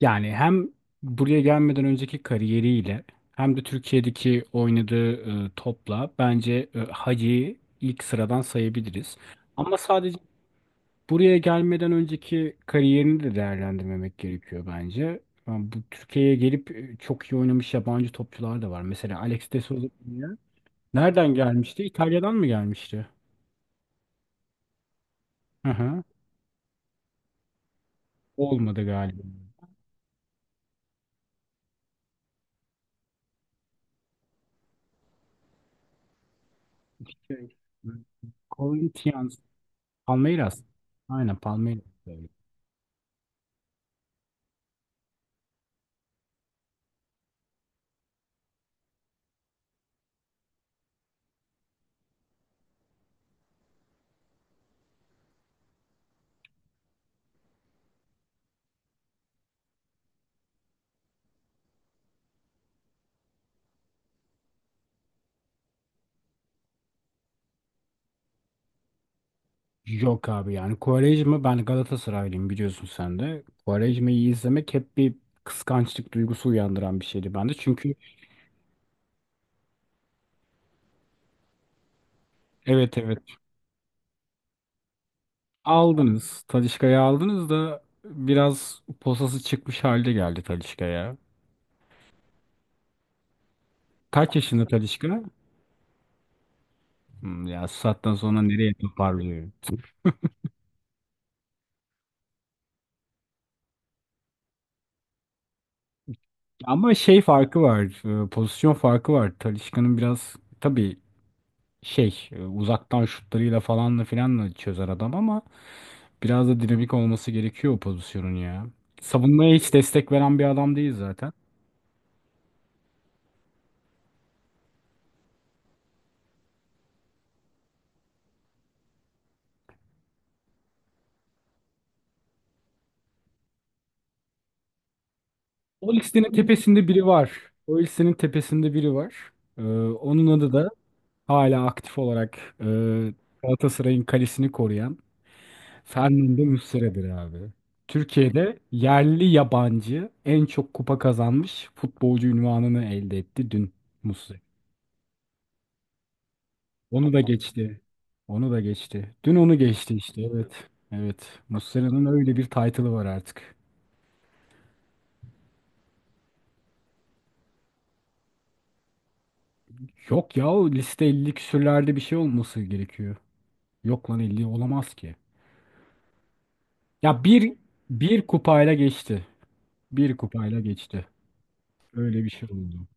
Yani hem buraya gelmeden önceki kariyeriyle hem de Türkiye'deki oynadığı topla bence Hacı'yı ilk sıradan sayabiliriz. Ama sadece buraya gelmeden önceki kariyerini de değerlendirmemek gerekiyor bence. Yani bu Türkiye'ye gelip çok iyi oynamış yabancı topçular da var. Mesela Alex de Souza nereden gelmişti? İtalya'dan mı gelmişti? Hı hı. Olmadı galiba. Şey, Corinthians, Palmeiras. Aynen Palmeiras. Yok abi, yani Quaresma, ben Galatasaraylıyım, biliyorsun sen de. Quaresma'yı izlemek hep bir kıskançlık duygusu uyandıran bir şeydi bende. Çünkü evet, evet, aldınız Talisca'yı, aldınız da biraz posası çıkmış halde geldi Talisca'ya. Kaç yaşında Talisca? Hmm, ya sattan sonra nereye toparlıyor? Ama şey farkı var, pozisyon farkı var. Talisca'nın biraz tabii şey uzaktan şutlarıyla falanla filanla çözer adam ama biraz da dinamik olması gerekiyor o pozisyonun ya. Savunmaya hiç destek veren bir adam değil zaten. O listenin tepesinde biri var. O listenin tepesinde biri var. Ee, onun adı da hala aktif olarak Galatasaray'ın kalesini koruyan Fernando Muslera'dır abi. Türkiye'de yerli yabancı en çok kupa kazanmış futbolcu unvanını elde etti dün Muslera. Onu da geçti. Onu da geçti. Dün onu geçti işte. Evet. Evet. Muslera'nın öyle bir title'ı var artık. Yok ya, o liste 50 küsürlerde bir şey olması gerekiyor. Yok lan, 50 olamaz ki. Ya, bir kupayla geçti. Bir kupayla geçti. Öyle bir şey oldu.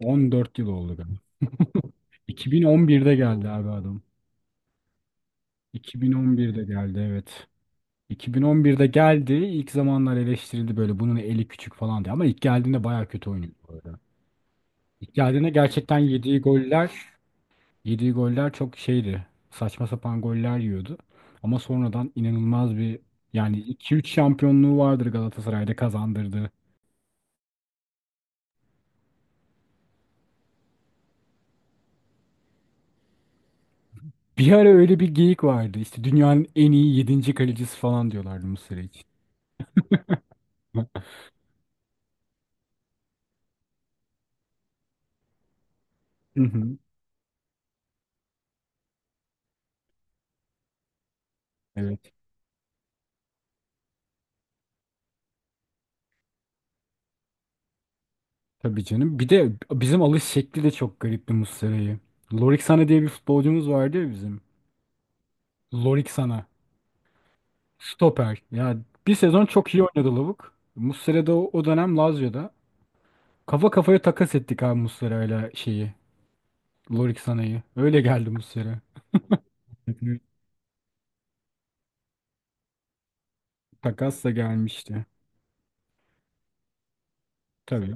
14 yıl oldu galiba. 2011'de geldi abi adam. 2011'de geldi, evet. 2011'de geldi. İlk zamanlar eleştirildi böyle bunun eli küçük falan diye. Ama ilk geldiğinde baya kötü oynuyordu. Icardi'ne gerçekten yediği goller, yediği goller çok şeydi. Saçma sapan goller yiyordu. Ama sonradan inanılmaz bir, yani 2-3 şampiyonluğu vardır Galatasaray'da kazandırdığı. Bir ara öyle bir geyik vardı. İşte dünyanın en iyi 7. kalecisi falan diyorlardı Muslera için. Hı hı. Evet. Tabii canım. Bir de bizim alış şekli de çok garipti Muslera'yı. Lorik Sana diye bir futbolcumuz vardı ya bizim. Lorik Sana. Stoper. Ya, bir sezon çok iyi oynadı lavuk. Muslera da o dönem Lazio'da. Kafa kafaya takas ettik abi Muslera'yla şeyi. Lorik Sanay'ı. Öyle geldi Muslera. Tekrar. Takasla gelmişti. Tabii.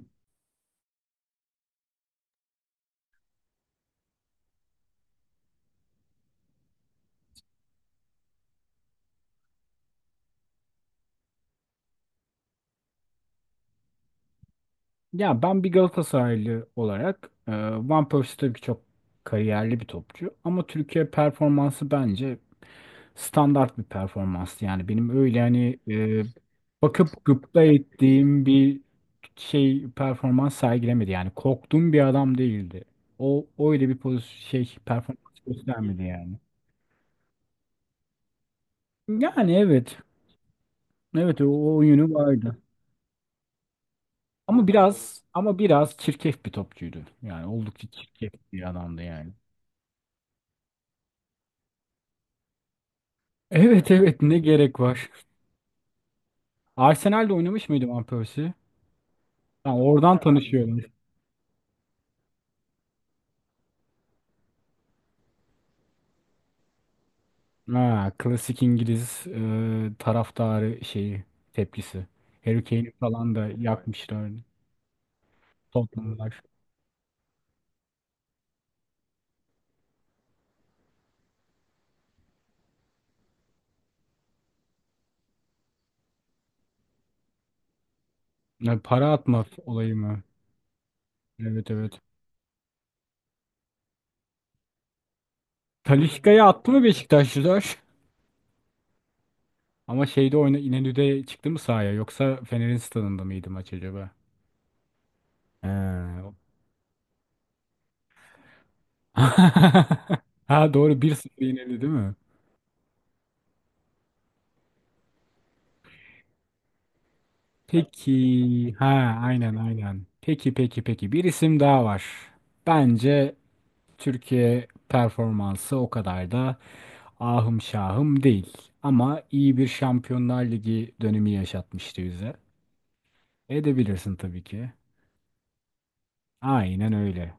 Ya ben bir Galatasaraylı olarak, Van Persie tabii ki çok kariyerli bir topçu. Ama Türkiye performansı bence standart bir performanstı. Yani benim öyle hani, bakıp gıpta ettiğim bir şey performans sergilemedi. Yani korktuğum bir adam değildi. O öyle bir pozisyon şey performans göstermedi yani. Yani evet, evet, o yönü vardı. Ama biraz çirkef bir topçuydu. Yani oldukça çirkef bir adamdı yani. Evet, evet, ne gerek var. Arsenal'de oynamış mıydı Van Persie? Ha, oradan tanışıyorum. Ha, klasik İngiliz taraftarı şeyi tepkisi. Harry Kane'i falan da yakmışlar. Tottenham'lar. Ya, para atma olayı mı? Evet, evet. Talisca'ya attı mı Beşiktaşlılar? Ama şeyde oyna İnönü'de çıktı mı sahaya, yoksa Fener'in stadında mıydı maç acaba? Ee, Ha doğru, bir 0 yenildi değil mi? Peki. Ha, aynen, aynen. Peki, peki, peki. Bir isim daha var. Bence Türkiye performansı o kadar da ahım şahım değil. Ama iyi bir Şampiyonlar Ligi dönemi yaşatmıştı bize. Edebilirsin tabii ki. Aynen öyle.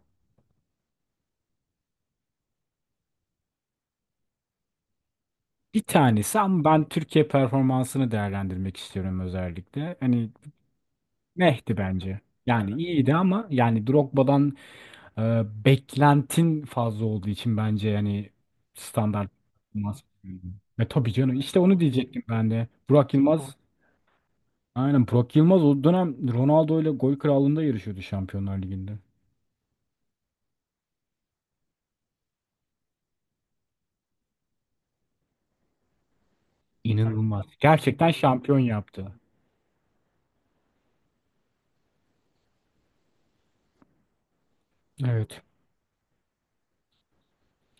Bir tanesi, ama ben Türkiye performansını değerlendirmek istiyorum özellikle. Hani Mehdi bence. Yani iyiydi ama yani Drogba'dan, beklentin fazla olduğu için bence yani standart olmaz. Ve tabii canım işte onu diyecektim ben de. Burak Yılmaz, aynen, Burak Yılmaz o dönem Ronaldo ile gol krallığında yarışıyordu Şampiyonlar Ligi'nde. İnanılmaz. Gerçekten şampiyon yaptı. Evet.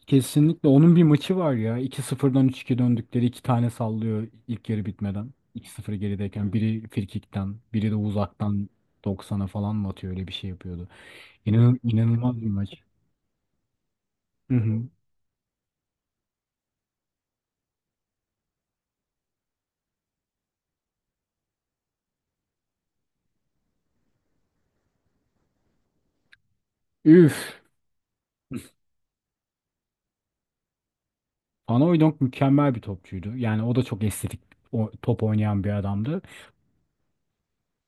Kesinlikle onun bir maçı var ya. 2-0'dan 3-2 döndükleri, iki tane sallıyor ilk yarı bitmeden. 2-0 gerideyken biri frikikten, biri de uzaktan 90'a falan mı atıyor, öyle bir şey yapıyordu. İnan inanılmaz bir maç. Hı hı. Üf. Panayoidong mükemmel bir topçuydu. Yani o da çok estetik top oynayan bir adamdı.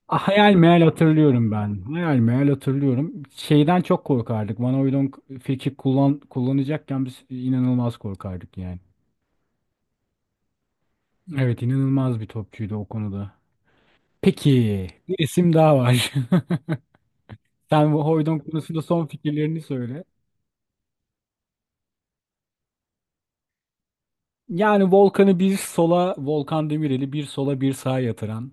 Ah, hayal meyal hatırlıyorum ben. Hayal meyal hatırlıyorum. Şeyden çok korkardık. Panayoidong frikik kullanacakken biz inanılmaz korkardık yani. Evet, inanılmaz bir topçuydu o konuda. Peki, bir isim daha var. Sen bu Hoydon konusunda son fikirlerini söyle. Yani Volkan'ı bir sola, Volkan Demirel'i bir sola bir sağa yatıran.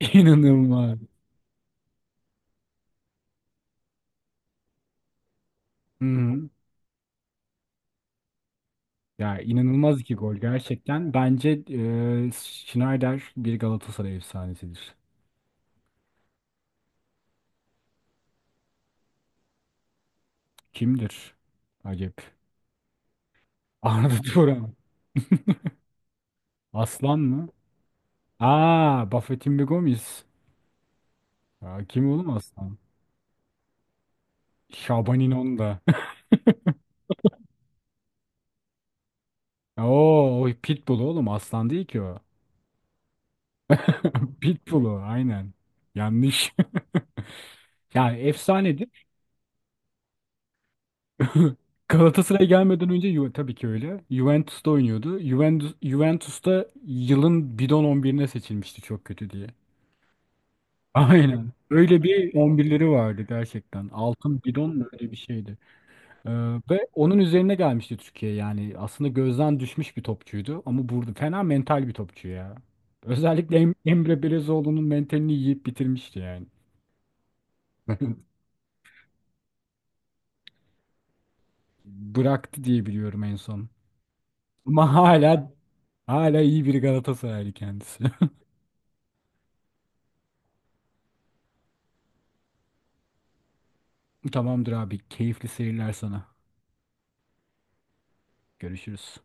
İnanılmaz. Hı hı. Ya, inanılmaz iki gol gerçekten. Bence Schneider bir Galatasaray efsanesidir. Kimdir? Acep. Arda Turan. Aslan mı? Aa, Buffett'in bir Gomis. Ya, kim oğlum Aslan? Şaban İnon'da. Oo, o Pitbull oğlum, Aslan değil ki o. Pitbull'u aynen. Yanlış. Yani efsanedir. Galatasaray'a gelmeden önce tabii ki öyle. Juventus'ta oynuyordu. Juventus'ta yılın bidon 11'ine seçilmişti çok kötü diye. Aynen. Öyle bir 11'leri vardı gerçekten. Altın bidon mu öyle bir şeydi. Ee, ve onun üzerine gelmişti Türkiye yani. Aslında gözden düşmüş bir topçuydu ama burada fena mental bir topçu ya. Özellikle Emre Belezoğlu'nun mentalini yiyip bitirmişti yani. Bıraktı diye biliyorum en son. Ama hala iyi bir Galatasaraylı kendisi. Tamamdır abi. Keyifli seyirler sana. Görüşürüz.